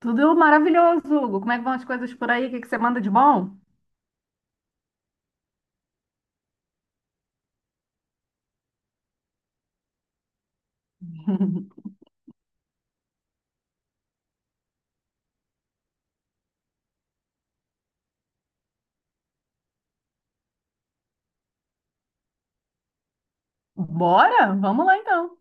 Tudo maravilhoso, Hugo. Como é que vão as coisas por aí? O que que você manda de bom? Bora? Vamos lá então.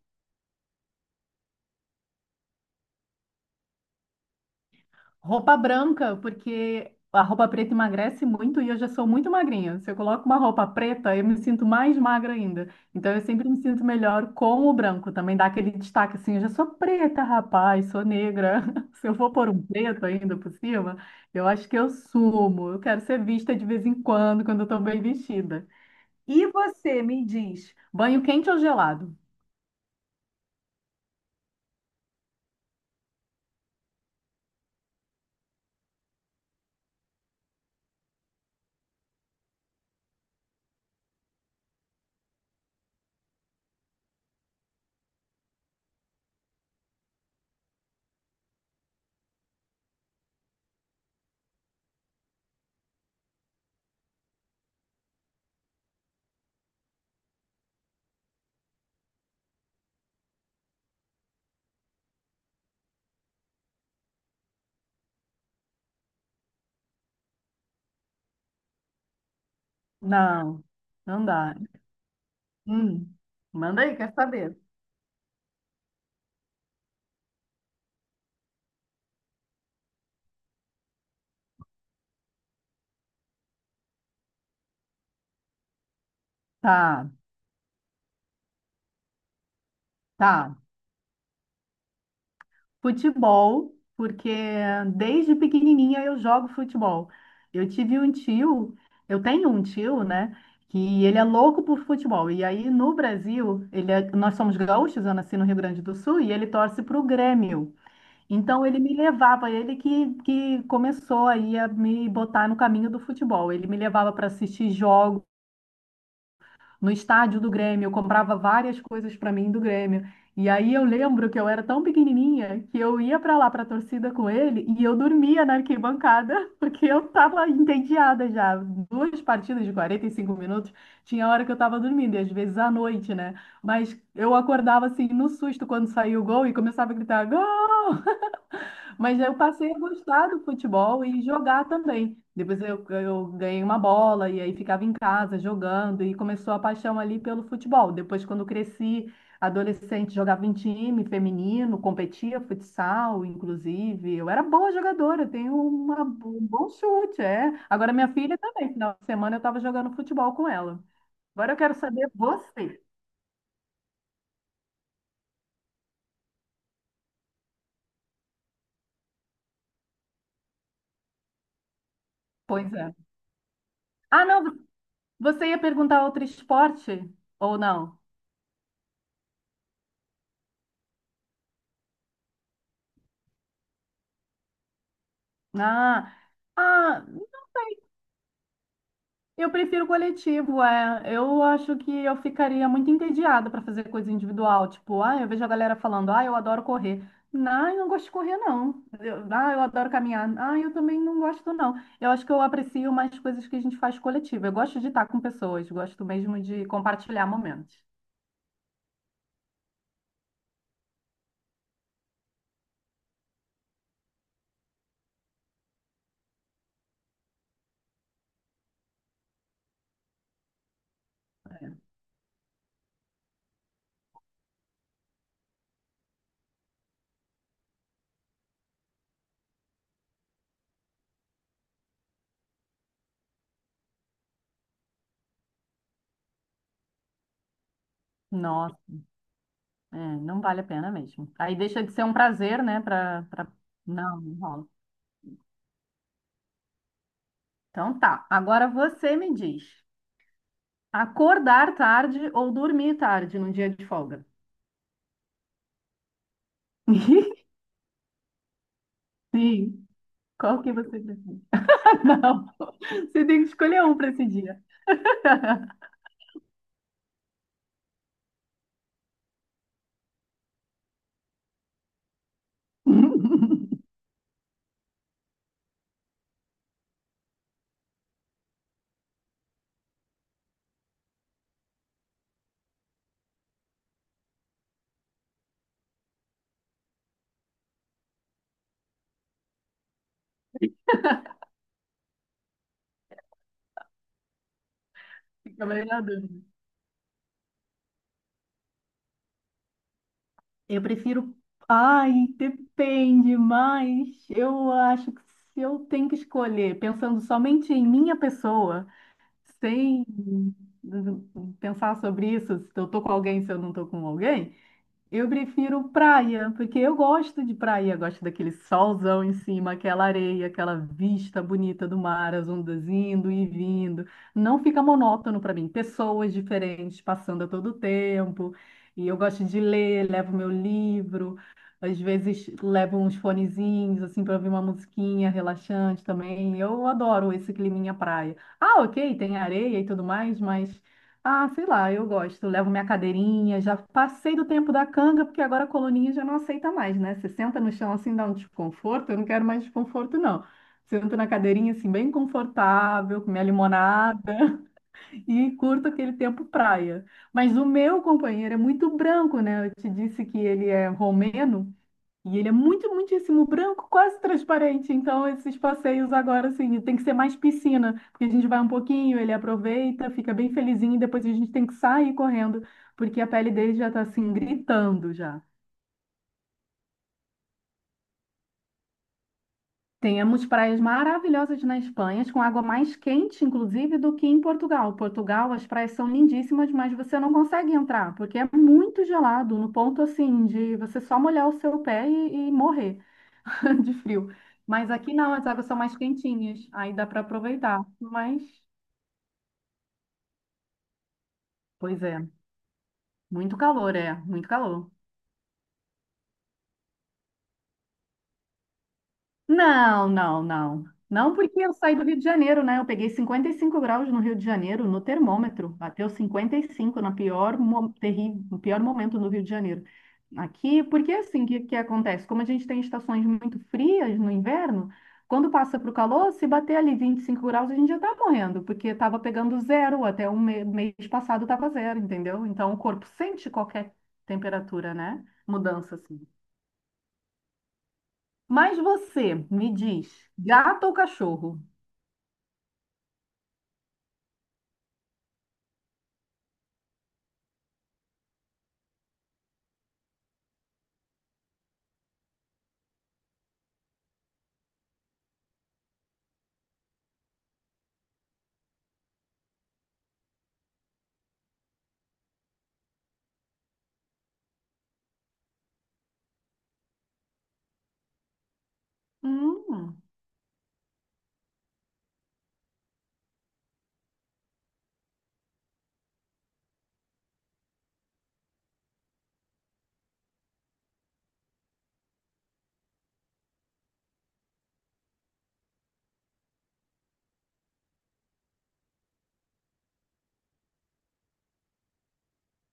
Roupa branca, porque a roupa preta emagrece muito e eu já sou muito magrinha. Se eu coloco uma roupa preta, eu me sinto mais magra ainda. Então eu sempre me sinto melhor com o branco. Também dá aquele destaque assim, eu já sou preta, rapaz, sou negra. Se eu for pôr um preto ainda por cima, eu acho que eu sumo. Eu quero ser vista de vez em quando, quando eu estou bem vestida. E você me diz, banho quente ou gelado? Não, não dá. Hum, manda aí, quer saber? Tá, tá. Futebol, porque desde pequenininha eu jogo futebol. Eu tive um tio, eu tenho um tio, né, que ele é louco por futebol. E aí no Brasil, nós somos gaúchos, eu nasci no Rio Grande do Sul, e ele torce para o Grêmio. Então ele me levava, ele que começou aí a me botar no caminho do futebol. Ele me levava para assistir jogos no estádio do Grêmio, eu comprava várias coisas para mim do Grêmio. E aí eu lembro que eu era tão pequenininha que eu ia para lá para a torcida com ele e eu dormia na arquibancada porque eu estava entediada já. Duas partidas de 45 minutos, tinha hora que eu estava dormindo, e às vezes à noite, né? Mas eu acordava assim no susto quando saía o gol e começava a gritar: "Gol!" Mas eu passei a gostar do futebol e jogar também. Depois eu ganhei uma bola e aí ficava em casa jogando e começou a paixão ali pelo futebol. Depois, quando cresci, adolescente, jogava em time feminino, competia futsal, inclusive. Eu era boa jogadora, tenho um bom chute, é. Agora minha filha também, final de semana eu estava jogando futebol com ela. Agora eu quero saber você. Pois é. Ah, não, você ia perguntar outro esporte ou não? Ah. Ah, Eu prefiro coletivo, é. Eu acho que eu ficaria muito entediada para fazer coisa individual. Tipo, ah, eu vejo a galera falando, ah, eu adoro correr. Não, eu não gosto de correr, não. Ah, eu adoro caminhar. Ah, eu também não gosto, não. Eu acho que eu aprecio mais coisas que a gente faz coletivo. Eu gosto de estar com pessoas, gosto mesmo de compartilhar momentos. Nossa, é, não vale a pena mesmo. Aí deixa de ser um prazer, né? Pra, pra... Não, não rola. Então tá, agora você me diz. Acordar tarde ou dormir tarde num dia de folga? Sim. Qual que você prefere? Não. Você tem que escolher um para esse dia. Fica meio na dúvida. Eu prefiro. Ai, depende, mas eu acho que se eu tenho que escolher, pensando somente em minha pessoa, sem pensar sobre isso, se eu tô com alguém, se eu não tô com alguém. Eu prefiro praia, porque eu gosto de praia, gosto daquele solzão em cima, aquela areia, aquela vista bonita do mar, as ondas indo e vindo. Não fica monótono para mim. Pessoas diferentes passando a todo tempo. E eu gosto de ler, levo meu livro, às vezes levo uns fonezinhos assim para ouvir uma musiquinha relaxante também. Eu adoro esse climinha praia. Ah, ok, tem areia e tudo mais, mas ah, sei lá, eu gosto. Eu Levo minha cadeirinha, já passei do tempo da canga, porque agora a coluninha já não aceita mais, né? Você senta no chão assim, dá um desconforto, eu não quero mais desconforto, não. Sento na cadeirinha assim, bem confortável, com minha limonada e curto aquele tempo praia. Mas o meu companheiro é muito branco, né? Eu te disse que ele é romeno. E ele é muito, muitíssimo branco, quase transparente. Então, esses passeios agora, assim, tem que ser mais piscina, porque a gente vai um pouquinho, ele aproveita, fica bem felizinho, e depois a gente tem que sair correndo, porque a pele dele já está assim, gritando já. Temos praias maravilhosas na Espanha, com água mais quente, inclusive, do que em Portugal. Portugal, as praias são lindíssimas, mas você não consegue entrar, porque é muito gelado, no ponto, assim, de você só molhar o seu pé e morrer. de frio. Mas aqui não, as águas são mais quentinhas, aí dá para aproveitar. Mas, pois é, muito calor, é, muito calor. Não, não, não. Não, porque eu saí do Rio de Janeiro, né? Eu peguei 55 graus no Rio de Janeiro, no termômetro. Bateu 55 no pior, no pior momento no Rio de Janeiro. Aqui, porque assim, o que, que acontece? Como a gente tem estações muito frias no inverno, quando passa para o calor, se bater ali 25 graus, a gente já está morrendo, porque estava pegando zero, até mês passado estava zero, entendeu? Então, o corpo sente qualquer temperatura, né? Mudança, assim. Mas você me diz, gato ou cachorro? Hum,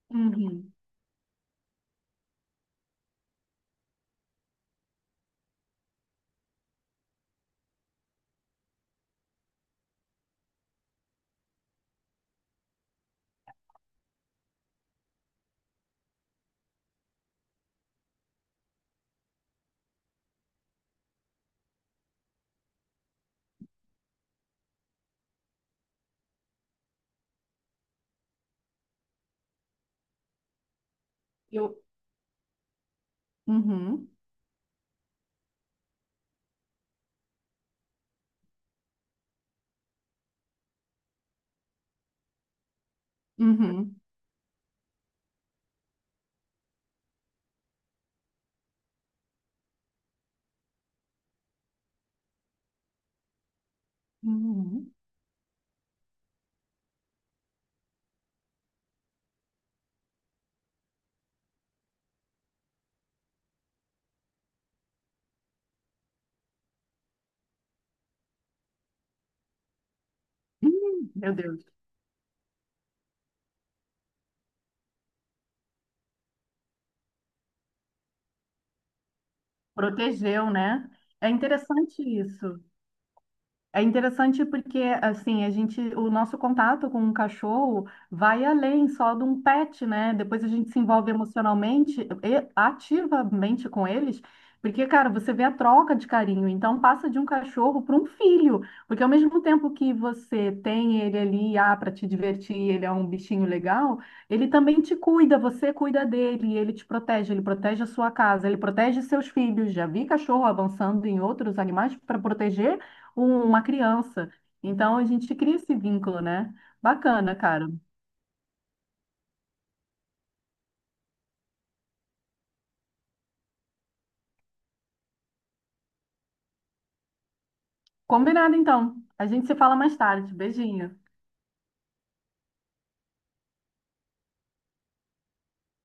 uhum. Eu, uhum, uhum, uhum. Meu Deus, protegeu, né? É interessante isso. É interessante porque, assim, a gente, o nosso contato com um cachorro vai além só de um pet, né? Depois a gente se envolve emocionalmente e ativamente com eles, porque, cara, você vê a troca de carinho. Então, passa de um cachorro para um filho, porque ao mesmo tempo que você tem ele ali, ah, para te divertir, ele é um bichinho legal, ele também te cuida, você cuida dele, ele te protege, ele protege a sua casa, ele protege seus filhos. Já vi cachorro avançando em outros animais para proteger com uma criança. Então a gente cria esse vínculo, né? Bacana, cara. Combinado então. A gente se fala mais tarde. Beijinho.